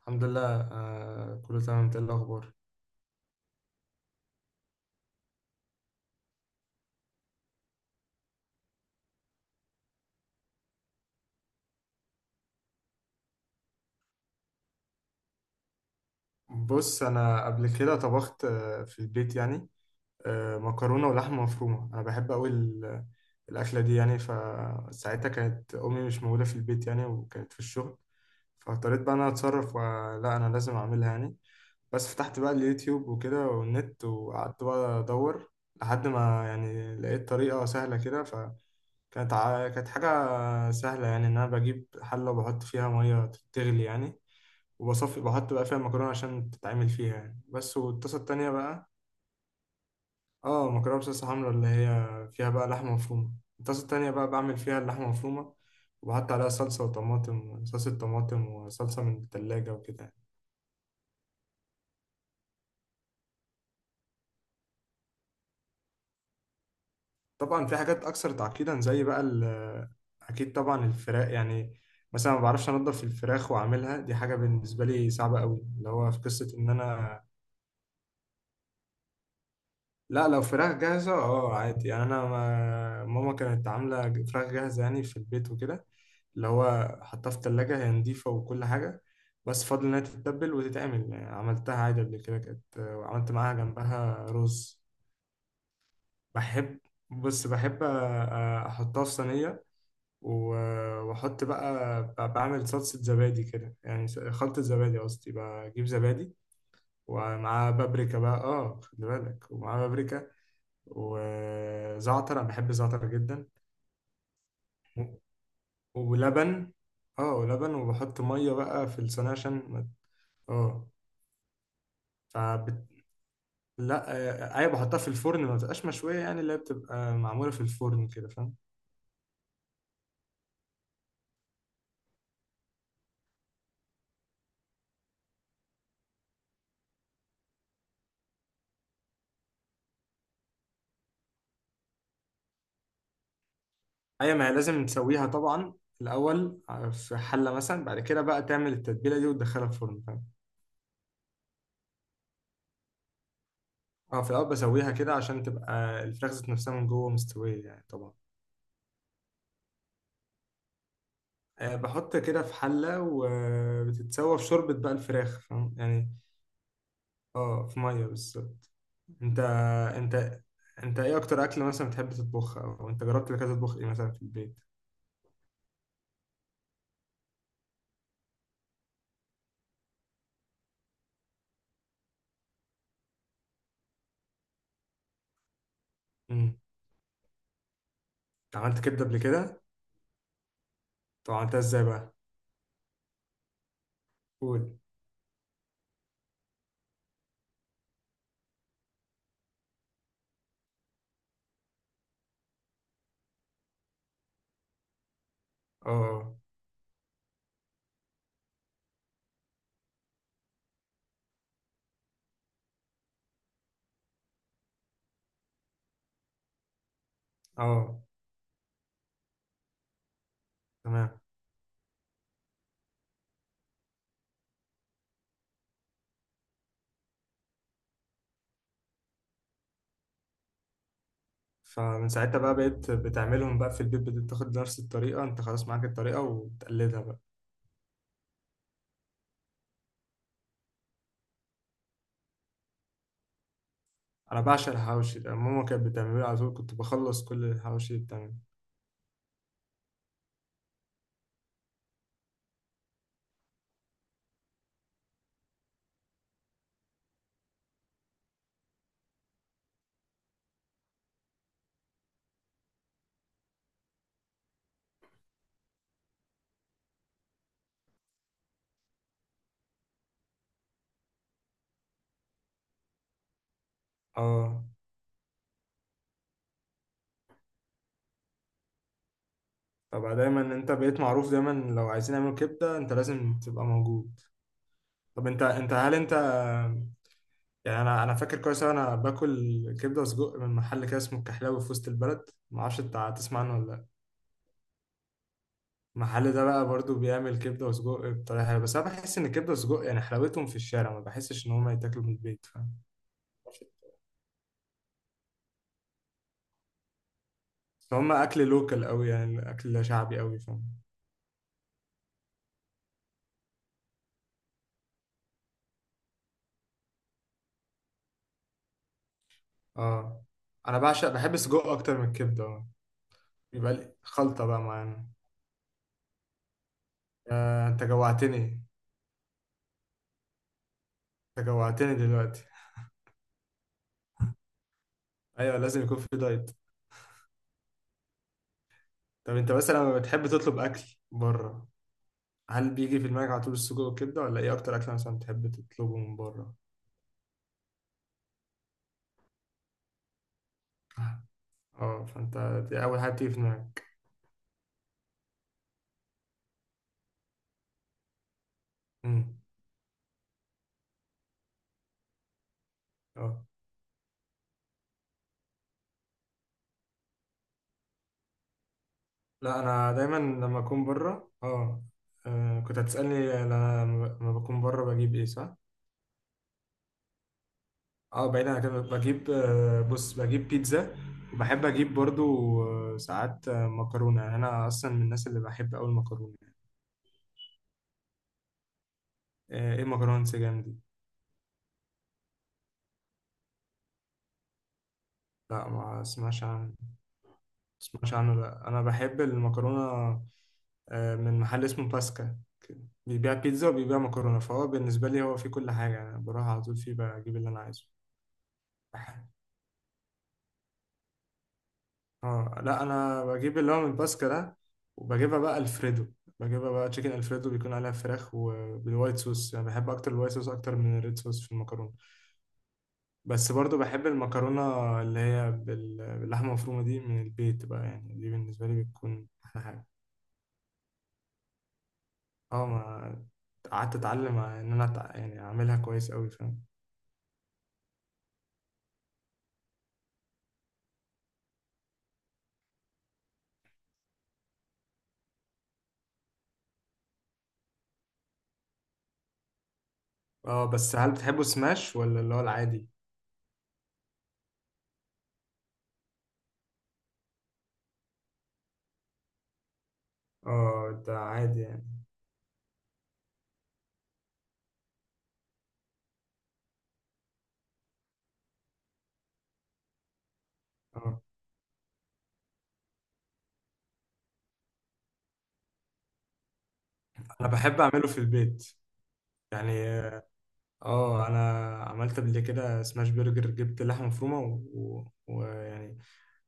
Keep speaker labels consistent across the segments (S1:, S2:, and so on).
S1: الحمد لله، آه، كله تمام. انت ايه الاخبار؟ بص، انا قبل كده طبخت، في البيت يعني. مكرونه ولحمه مفرومه. انا بحب قوي الاكله دي يعني. فساعتها كانت امي مش موجوده في البيت يعني، وكانت في الشغل، فاضطريت بقى انا اتصرف، ولا انا لازم اعملها يعني. بس فتحت بقى اليوتيوب وكده والنت، وقعدت بقى أدور لحد ما يعني لقيت طريقة سهلة كده. فكانت كانت حاجة سهلة يعني، إن أنا بجيب حلة وبحط فيها مية تغلي يعني، وبصفي، بحط بقى فيها المكرونة عشان تتعمل فيها يعني بس. والطاسة التانية بقى. اه، مكرونة بصلصة حمرا، اللي هي فيها بقى لحمة مفرومة. الطاسة التانية بقى بعمل فيها اللحمة مفرومة، وبحط عليها صلصة وطماطم، صلصة طماطم وصلصة من التلاجة وكده يعني. طبعا في حاجات اكثر تعقيدا زي بقى اكيد طبعا الفراخ يعني. مثلا ما بعرفش انضف الفراخ واعملها، دي حاجه بالنسبه لي صعبه قوي، اللي هو في قصه ان انا. لا، لو فراخ جاهزه اه عادي يعني. انا ما... ماما كانت عامله فراخ جاهزه يعني في البيت وكده. اللي هو حطها في التلاجة، هي نضيفة وكل حاجة، بس فاضل إنها تتبل وتتعمل يعني. عملتها عادي قبل كده، كانت وعملت معاها جنبها رز. بحب، بص، بحب أحطها في صينية و- واحط بقى بعمل صلصة زبادي كده يعني، خلطة زبادي قصدي. بجيب زبادي ومعاه بابريكا بقى، اه خلي بالك، ومعاه بابريكا وزعتر، انا بحب الزعتر جدا و- ولبن. اه، ولبن، وبحط مية بقى في الصينية عشان اه. فبت... لا. آه، ايوه، بحطها في الفرن، ما بتبقاش مشوية يعني، اللي هي بتبقى معمولة في الفرن كده، فاهم؟ ايوه، ما هي لازم تسويها طبعا الأول في حلة مثلا، بعد كده بقى تعمل التتبيلة دي وتدخلها الفرن، فاهم؟ اه، في الأول بسويها كده عشان تبقى الفراخ ذات نفسها من جوه مستوية يعني طبعا. آه، بحط كده في حلة وبتتسوى في شوربة بقى الفراخ، فاهم يعني. اه، في مية بالظبط. انت انت انت ايه أكتر أكلة مثلا بتحب تطبخها، أو انت جربت قبل كده تطبخ ايه مثلا في البيت؟ امم. عملت كبدة قبل كده؟ طب عملتها ازاي بقى؟ قول. اه، اه، اه، تمام. فمن ساعتها بقى بقيت بتعملهم بقى في البيت، بتاخد نفس الطريقة، انت خلاص معاك الطريقة وتقلدها بقى. انا بعشق الحواوشي ده، ماما كانت بتعمله لي على طول، كنت بخلص كل الحواوشي اللي بتعمله. اه طبعا، دايما انت بقيت معروف، دايما لو عايزين نعمل كبده انت لازم تبقى موجود. طب انت، انت، هل انت يعني، انا، انا فاكر كويس أوي انا باكل كبده وسجق من محل كده اسمه الكحلاوي في وسط البلد، ما اعرفش انت هتسمع عنه ولا لا. المحل ده بقى برضو بيعمل كبده وسجق بطريقه حلوه، بس انا بحس ان الكبده والسجق يعني حلاوتهم في الشارع، ما بحسش ان هم يتاكلوا من البيت، فاهم؟ هم اكل لوكال قوي يعني، اكل شعبي قوي، فاهم؟ اه، انا بعشق، بحب السجق اكتر من الكبده، اه. يبقى لي خلطه بقى معانا. آه، انت جوعتني. انت جوعتني دلوقتي. ايوه، لازم يكون في دايت. طب انت مثلا لما بتحب تطلب اكل بره، هل بيجي في دماغك على طول السجق والكبده، ولا ايه اكتر اكل مثلا بتحب تطلبه من بره؟ اه، فانت دي اول حاجه بتيجي في دماغك. امم. اه، لا، انا دايما لما اكون بره اه. آه، كنت هتسالني انا لما بكون بره بجيب ايه، صح؟ اه، بعيد عن كده بجيب، بص، بجيب بيتزا، وبحب اجيب برضو، ساعات، مكرونه يعني. انا اصلا من الناس اللي بحب قوي المكرونه. ايه مكرونه انسجام دي؟ لا، ما اسمعش عنه. لا، انا بحب المكرونه من محل اسمه باسكا. بيبيع بيتزا وبيبيع مكرونه، فهو بالنسبه لي هو فيه كل حاجه، انا بروح على طول فيه بجيب اللي انا عايزه. اه، لا انا بجيب اللي هو من باسكا ده. وبجيبها بقى الفريدو، بجيبها بقى تشيكن الفريدو، بيكون عليها فراخ وبالوايت صوص يعني. بحب اكتر الوايت صوص اكتر من الريد صوص في المكرونه. بس برضو بحب المكرونه اللي هي باللحمه المفرومه دي من البيت بقى يعني، دي بالنسبه لي بتكون احلى حاجه. اه، ما قعدت اتعلم ان انا يعني اعملها كويس قوي، فاهم؟ اه، بس هل بتحبه سماش ولا اللي هو العادي؟ اه، ده عادي يعني. اه، انا بحب اعمله في البيت يعني. اه، انا عملت قبل كده سماش برجر. جبت لحمه مفرومه ويعني، ويعني،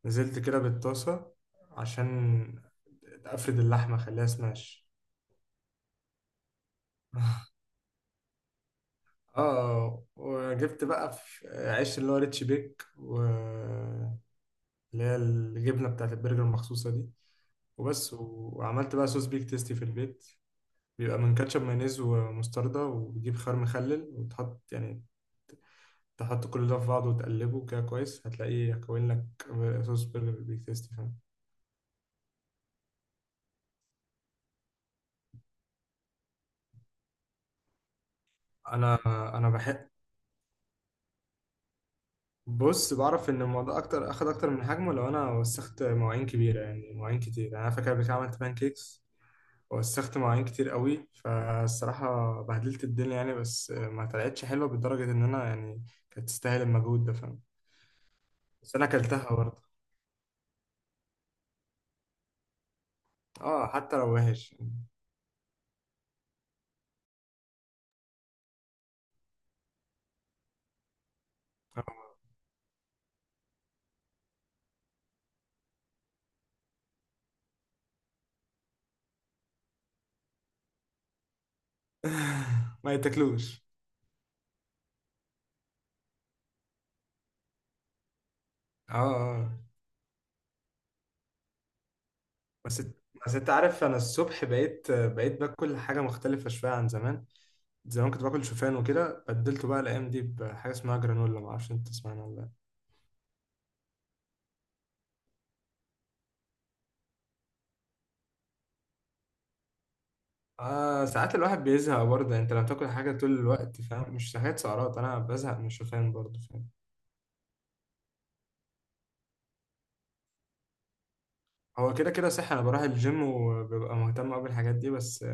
S1: نزلت كده بالطاسه عشان افرد اللحمه اخليها سماش. اه، وجبت بقى في عيش اللي هو ريتش بيك، واللي هي الجبنه بتاعت البرجر المخصوصه دي، وبس، وعملت بقى صوص بيك تيستي في البيت. بيبقى من كاتشب، مايونيز، ومستردة، وبتجيب خيار مخلل وتحط يعني، تحط كل ده في بعضه وتقلبه كده كويس، هتلاقيه كوين لك، صوص برجر بيك تيستي، فاهم؟ انا انا بحب، بص، بعرف ان الموضوع اكتر، اخد اكتر من حجمه لو انا وسخت مواعين كبيره يعني، مواعين كتير يعني. انا فاكر قبل كده عملت بان كيكس، وسخت مواعين كتير قوي، فالصراحه بهدلت الدنيا يعني، بس ما طلعتش حلوه بالدرجه ان انا يعني كانت تستاهل المجهود ده، فاهم؟ بس انا اكلتها برضه. اه، حتى لو وحش. ما يتاكلوش. اه، اه، بس بس انت عارف، انا الصبح بقيت باكل حاجه مختلفه شويه عن زمان. زمان كنت باكل شوفان وكده، بدلته بقى الايام دي بحاجه اسمها جرانولا، ما اعرفش انت تسمعنا ولا لا. آه، ساعات الواحد بيزهق برضه يعني، انت لما تاكل حاجه طول الوقت، فاهم؟ مش حاجات سعرات، انا بزهق من الشوفان برضه، فاهم؟ هو كده كده صح، انا بروح الجيم وببقى مهتم قوي بالحاجات دي، بس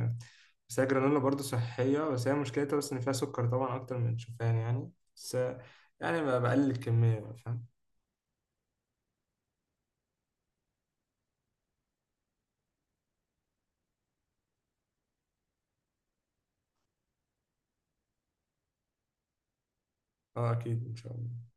S1: بس هي جرانولا برضه صحيه، بس هي مشكلتها بس ان فيها سكر طبعا اكتر من الشوفان يعني، بس يعني بقلل الكميه بقى، فاهم؟ اه، اكيد ان شاء الله.